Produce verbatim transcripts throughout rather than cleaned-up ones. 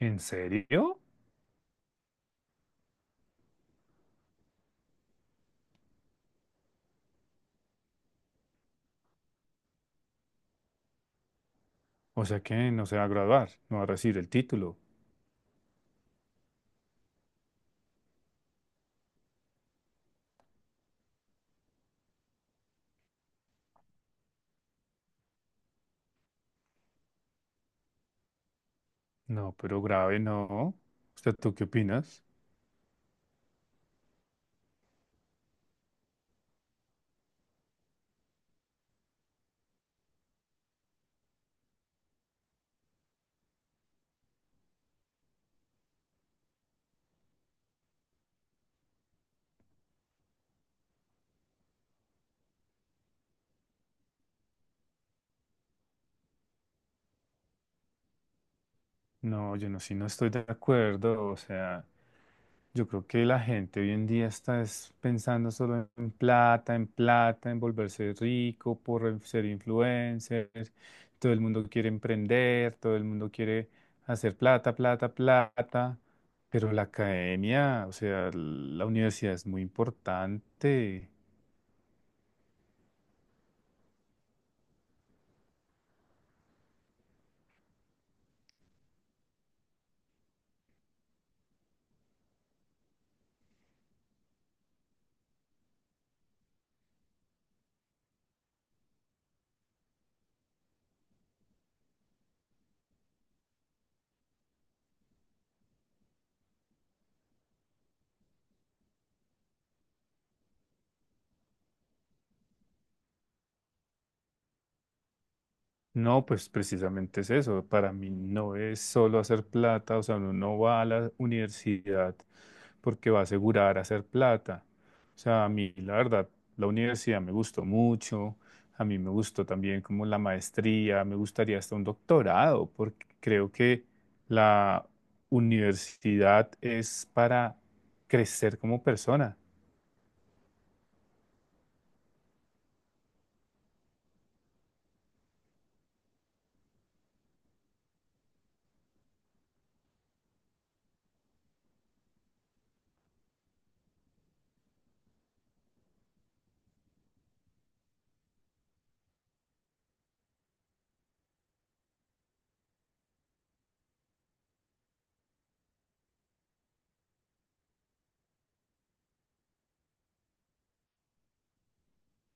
¿En serio? O sea que no se va a graduar, no va a recibir el título. No, pero grave no. ¿Usted tú qué opinas? No, yo no, sí no estoy de acuerdo. O sea, yo creo que la gente hoy en día está es pensando solo en plata, en plata, en volverse rico, por en- ser influencer. Todo el mundo quiere emprender, todo el mundo quiere hacer plata, plata, plata. Pero la academia, o sea, la universidad es muy importante. No, pues precisamente es eso. Para mí no es solo hacer plata, o sea, uno no va a la universidad porque va a asegurar hacer plata. O sea, a mí, la verdad, la universidad me gustó mucho, a mí me gustó también como la maestría, me gustaría hasta un doctorado, porque creo que la universidad es para crecer como persona.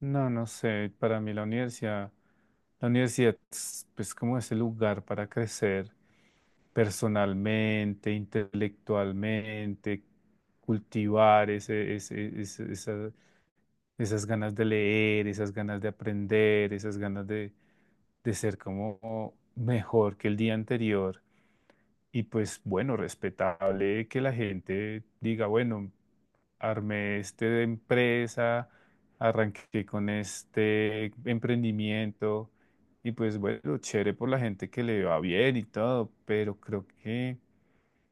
No, no sé, para mí la universidad, la universidad es pues, como ese lugar para crecer personalmente, intelectualmente, cultivar ese, ese, ese- esa- esas ganas de leer, esas ganas de aprender, esas ganas de, de ser como mejor que el día anterior. Y pues bueno, respetable que la gente diga, bueno, armé esta empresa, arranqué con este emprendimiento y pues bueno, chévere por la gente que le va bien y todo, pero creo que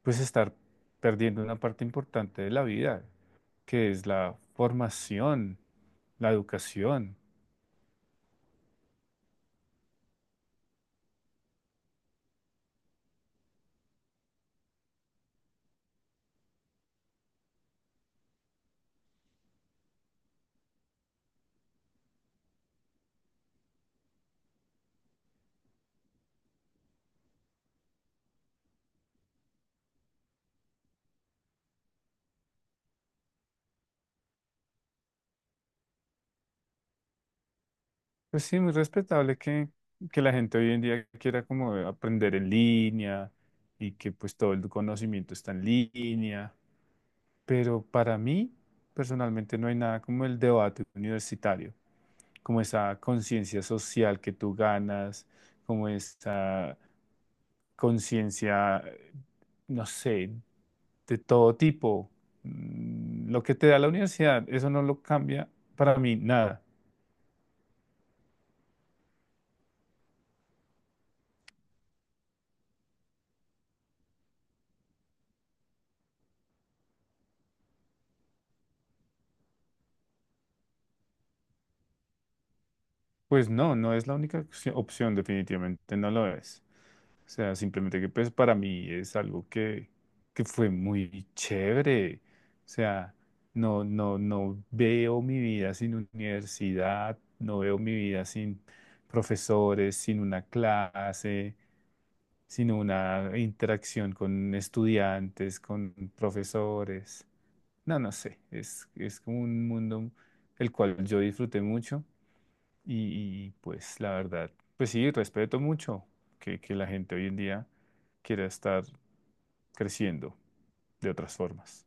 pues estar perdiendo una parte importante de la vida que es la formación, la educación. Pues sí, muy respetable que, que la gente hoy en día quiera como aprender en línea y que pues todo el conocimiento está en línea, pero para mí personalmente no hay nada como el debate universitario. Como esa conciencia social que tú ganas, como esa conciencia, no sé, de todo tipo. Mm, lo que te da la universidad, eso no lo cambia para mí nada. Pues no, no es la única opci- opción, definitivamente, no lo es. O sea, simplemente que pues para mí es algo que, que fue muy chévere. O sea, no, no, no veo mi vida sin universidad, no veo mi vida sin profesores, sin una clase, sin una interacción con estudiantes, con profesores. No, no sé, es, es como un mundo el cual yo disfruté mucho y, y, pues la verdad, pues sí, respeto mucho que, que la gente hoy en día quiera estar creciendo de otras formas.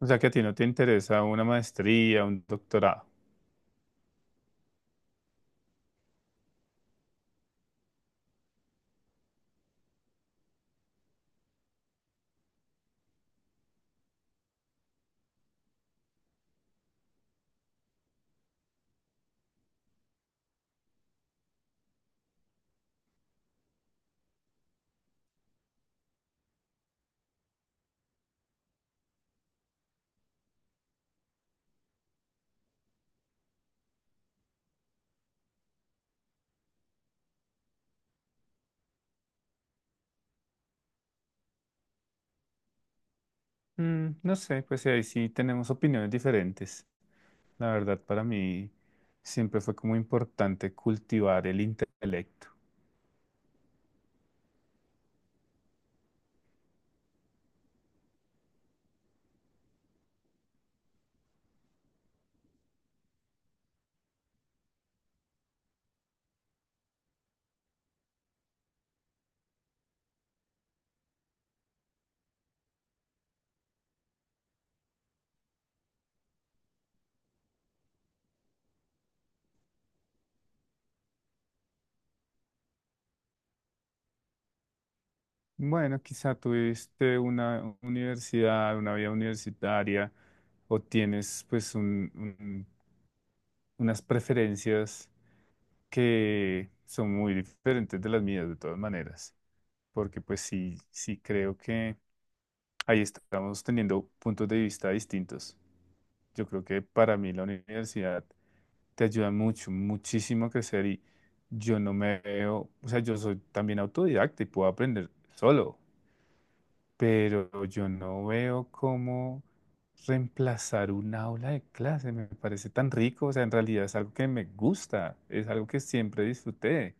O sea que a ti no te interesa una maestría, un doctorado. Mm, no sé, pues ahí sí tenemos opiniones diferentes. La verdad, para mí siempre fue como importante cultivar el intelecto. Bueno, quizá tuviste una universidad, una vida universitaria, o tienes pues un, un unas preferencias que son muy diferentes de las mías de todas maneras, porque pues sí, sí creo que ahí estamos teniendo puntos de vista distintos. Yo creo que para mí la universidad te ayuda mucho, muchísimo a crecer y yo no me veo, o sea, yo soy también autodidacta y puedo aprender solo pero yo no veo cómo reemplazar un aula de clase. Me parece tan rico, o sea, en realidad es algo que me gusta, es algo que siempre disfruté.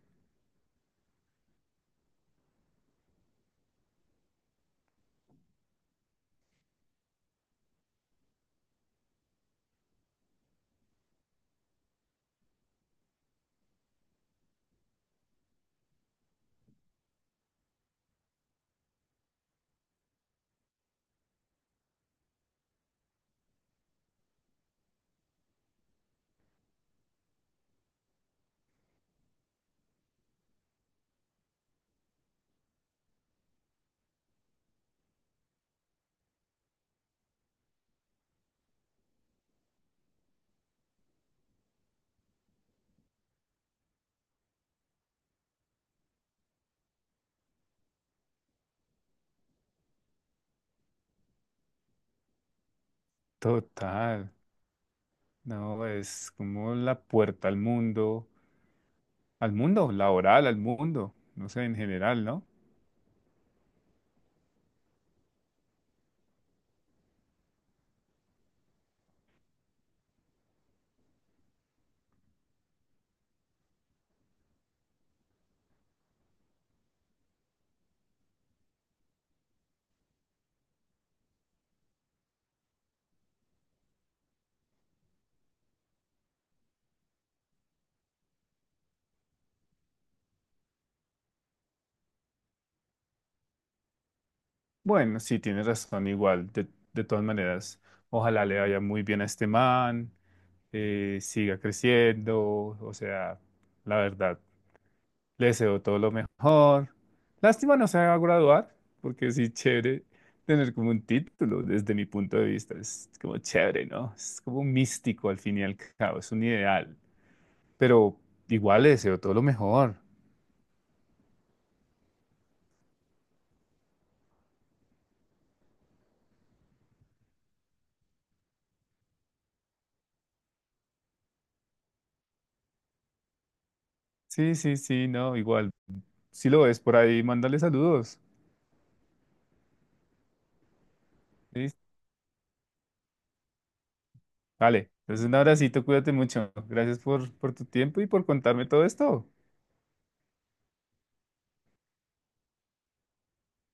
Total, no, es como la puerta al mundo, al mundo laboral, al mundo, no sé, en general, ¿no? Bueno, sí, tienes razón, igual, de, de todas maneras, ojalá le vaya muy bien a este man, eh, siga creciendo, o sea, la verdad. Le deseo todo lo mejor. Lástima no se va a graduar, porque sí, chévere tener como un título desde mi punto de vista. Es como chévere, ¿no? Es como un místico al fin y al cabo, es un ideal. Pero igual le deseo todo lo mejor. Sí, sí, sí, no, igual. Si lo ves por ahí, mándale saludos. ¿Sí? Vale, entonces un abracito, cuídate mucho. Gracias por, por tu tiempo y por contarme todo esto.